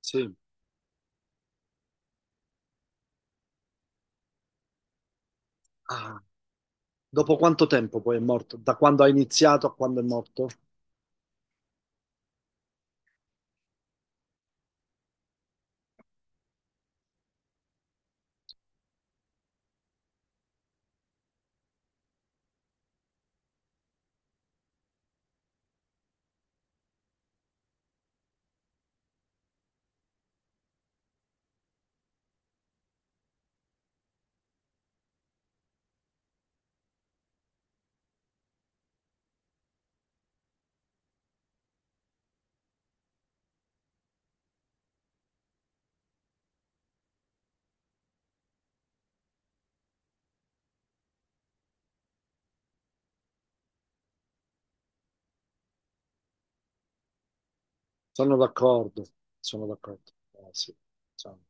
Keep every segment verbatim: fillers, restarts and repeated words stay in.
Sì. Ah, dopo quanto tempo poi è morto? Da quando ha iniziato a quando è morto? Sono d'accordo, sono d'accordo. Eh, sì, insomma.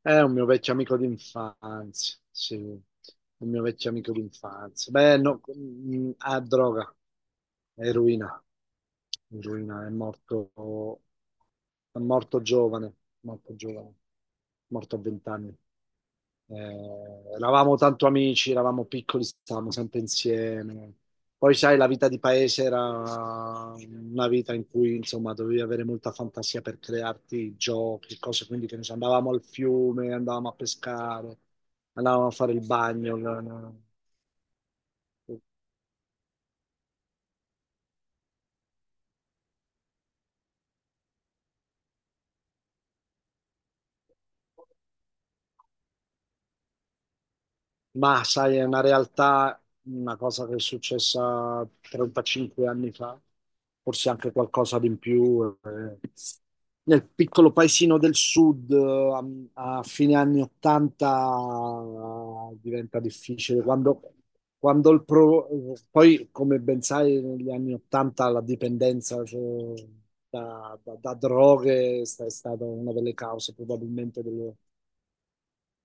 È un mio vecchio amico d'infanzia, sì, un mio vecchio amico d'infanzia. Beh, no, mm, ah, droga, eroina, eroina, è morto, è morto giovane, morto giovane, morto a vent'anni. Eh, eravamo tanto amici, eravamo piccoli, stavamo sempre insieme. Poi, sai, la vita di paese era una vita in cui, insomma, dovevi avere molta fantasia per crearti giochi, cose, quindi che ne so, andavamo al fiume, andavamo a pescare, andavamo a fare il bagno. l- l- Ma sai, è una realtà, una cosa che è successa trentacinque anni fa, forse anche qualcosa di in più. eh. Nel piccolo paesino del sud, eh, a, a fine anni ottanta, eh, diventa difficile. Quando, quando il pro- Poi, come ben sai, negli anni ottanta la dipendenza, cioè, da, da- da droghe sta- è stata una delle cause probabilmente delle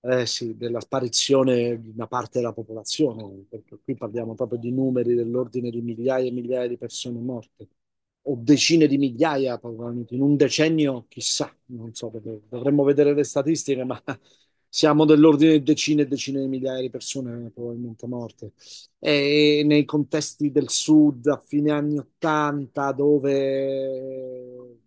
eh sì, della sparizione di una parte della popolazione, perché qui parliamo proprio di numeri dell'ordine di migliaia e migliaia di persone morte, o decine di migliaia, probabilmente in un decennio, chissà, non so, perché dovremmo vedere le statistiche, ma siamo dell'ordine di decine e decine di migliaia di persone probabilmente morte. E nei contesti del sud a fine anni ottanta, dove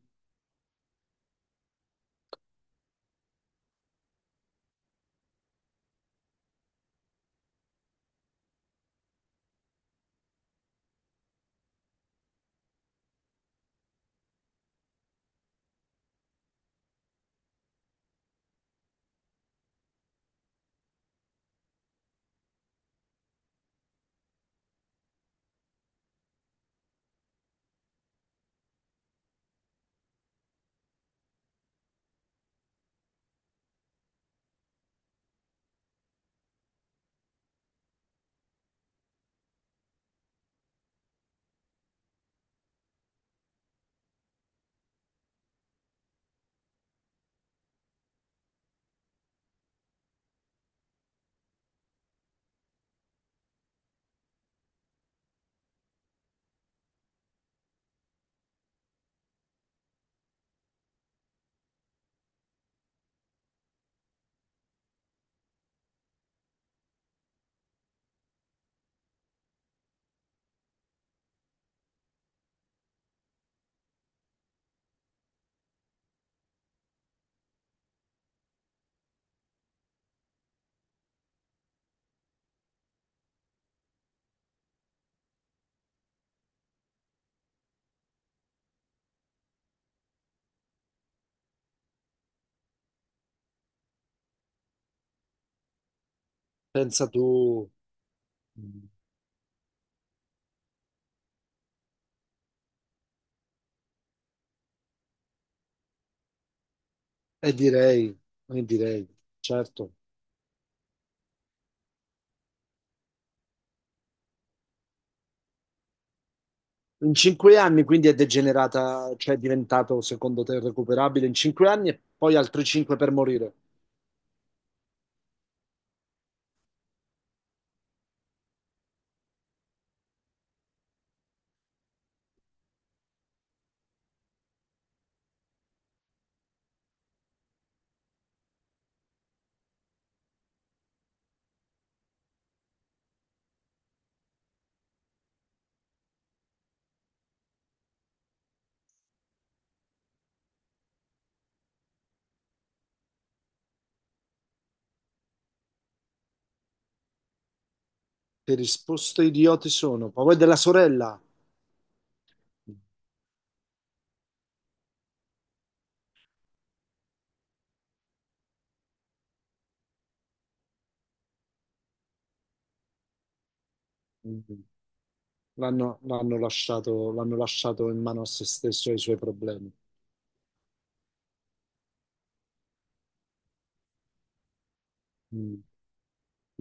pensa tu, e direi, e direi, certo. In cinque anni quindi è degenerata, cioè è diventato secondo te recuperabile in cinque anni e poi altri cinque per morire. Che risposte idioti sono? Ma poi della sorella. Mm. l'hanno l'hanno lasciato, l'hanno lasciato in mano a se stesso e ai suoi problemi. Mm.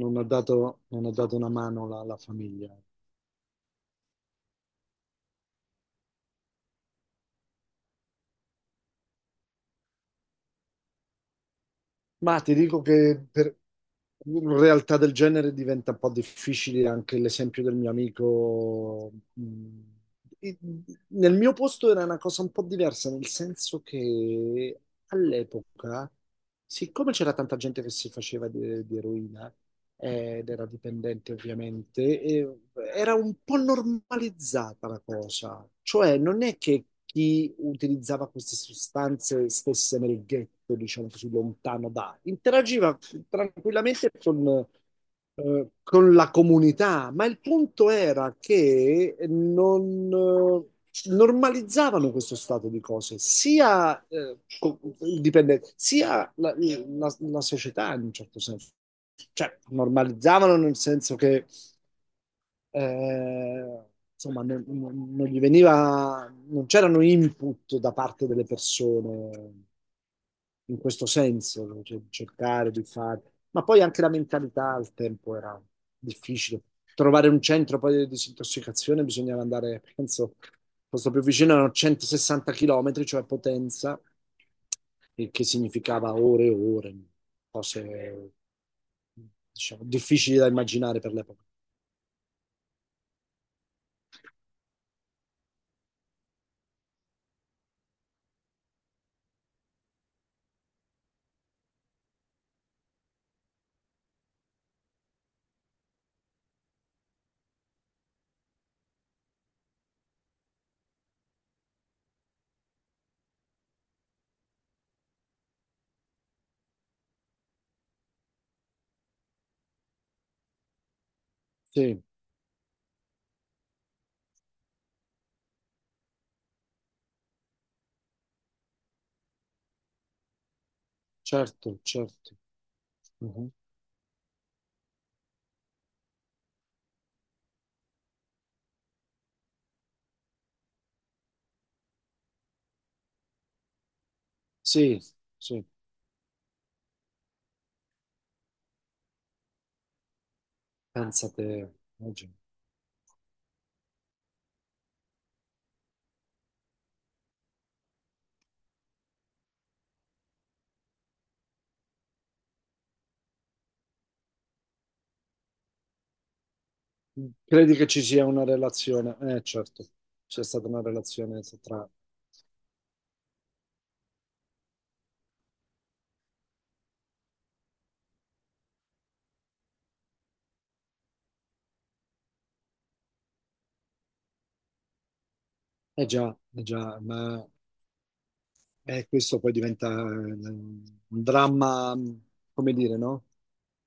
Non ha dato, non ha dato una mano alla alla famiglia. Ma ti dico che per una realtà del genere diventa un po' difficile anche l'esempio del mio amico. Mm, i- Nel mio posto era una cosa un po' diversa, nel senso che all'epoca, siccome c'era tanta gente che si faceva di, di eroina, ed era dipendente ovviamente, e era un po' normalizzata la cosa, cioè non è che chi utilizzava queste sostanze stesse nel ghetto, diciamo così, lontano da, interagiva tranquillamente con, eh, con la comunità, ma il punto era che non... eh, normalizzavano questo stato di cose, sia, eh, co- il dipendente, sia la, la la società in un certo senso, cioè, normalizzavano nel senso che eh, insomma, non, non- non gli veniva, non c'erano input da parte delle persone in questo senso, no? Cioè, cercare di fare. Ma poi anche la mentalità al tempo era difficile. Trovare un centro poi di disintossicazione bisognava andare, penso, il posto più vicino erano centosessanta chilometri, cioè Potenza, il che significava ore e ore, cose, diciamo, difficili da immaginare per l'epoca. Sì, certo, certo. Mhm. Sì, sì, pensate oggi. Credi che ci sia una relazione? Eh, certo, c'è stata una relazione tra... Eh già, eh già, ma eh, questo poi diventa eh, un dramma, come dire, no?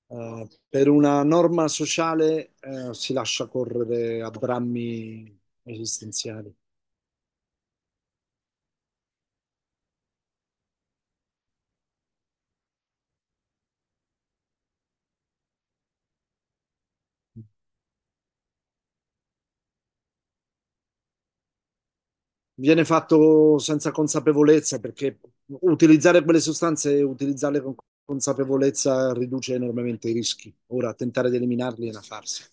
Eh, per una norma sociale eh, si lascia correre a drammi esistenziali. Viene fatto senza consapevolezza perché utilizzare quelle sostanze e utilizzarle con consapevolezza riduce enormemente i rischi. Ora, tentare di eliminarli è una farsa.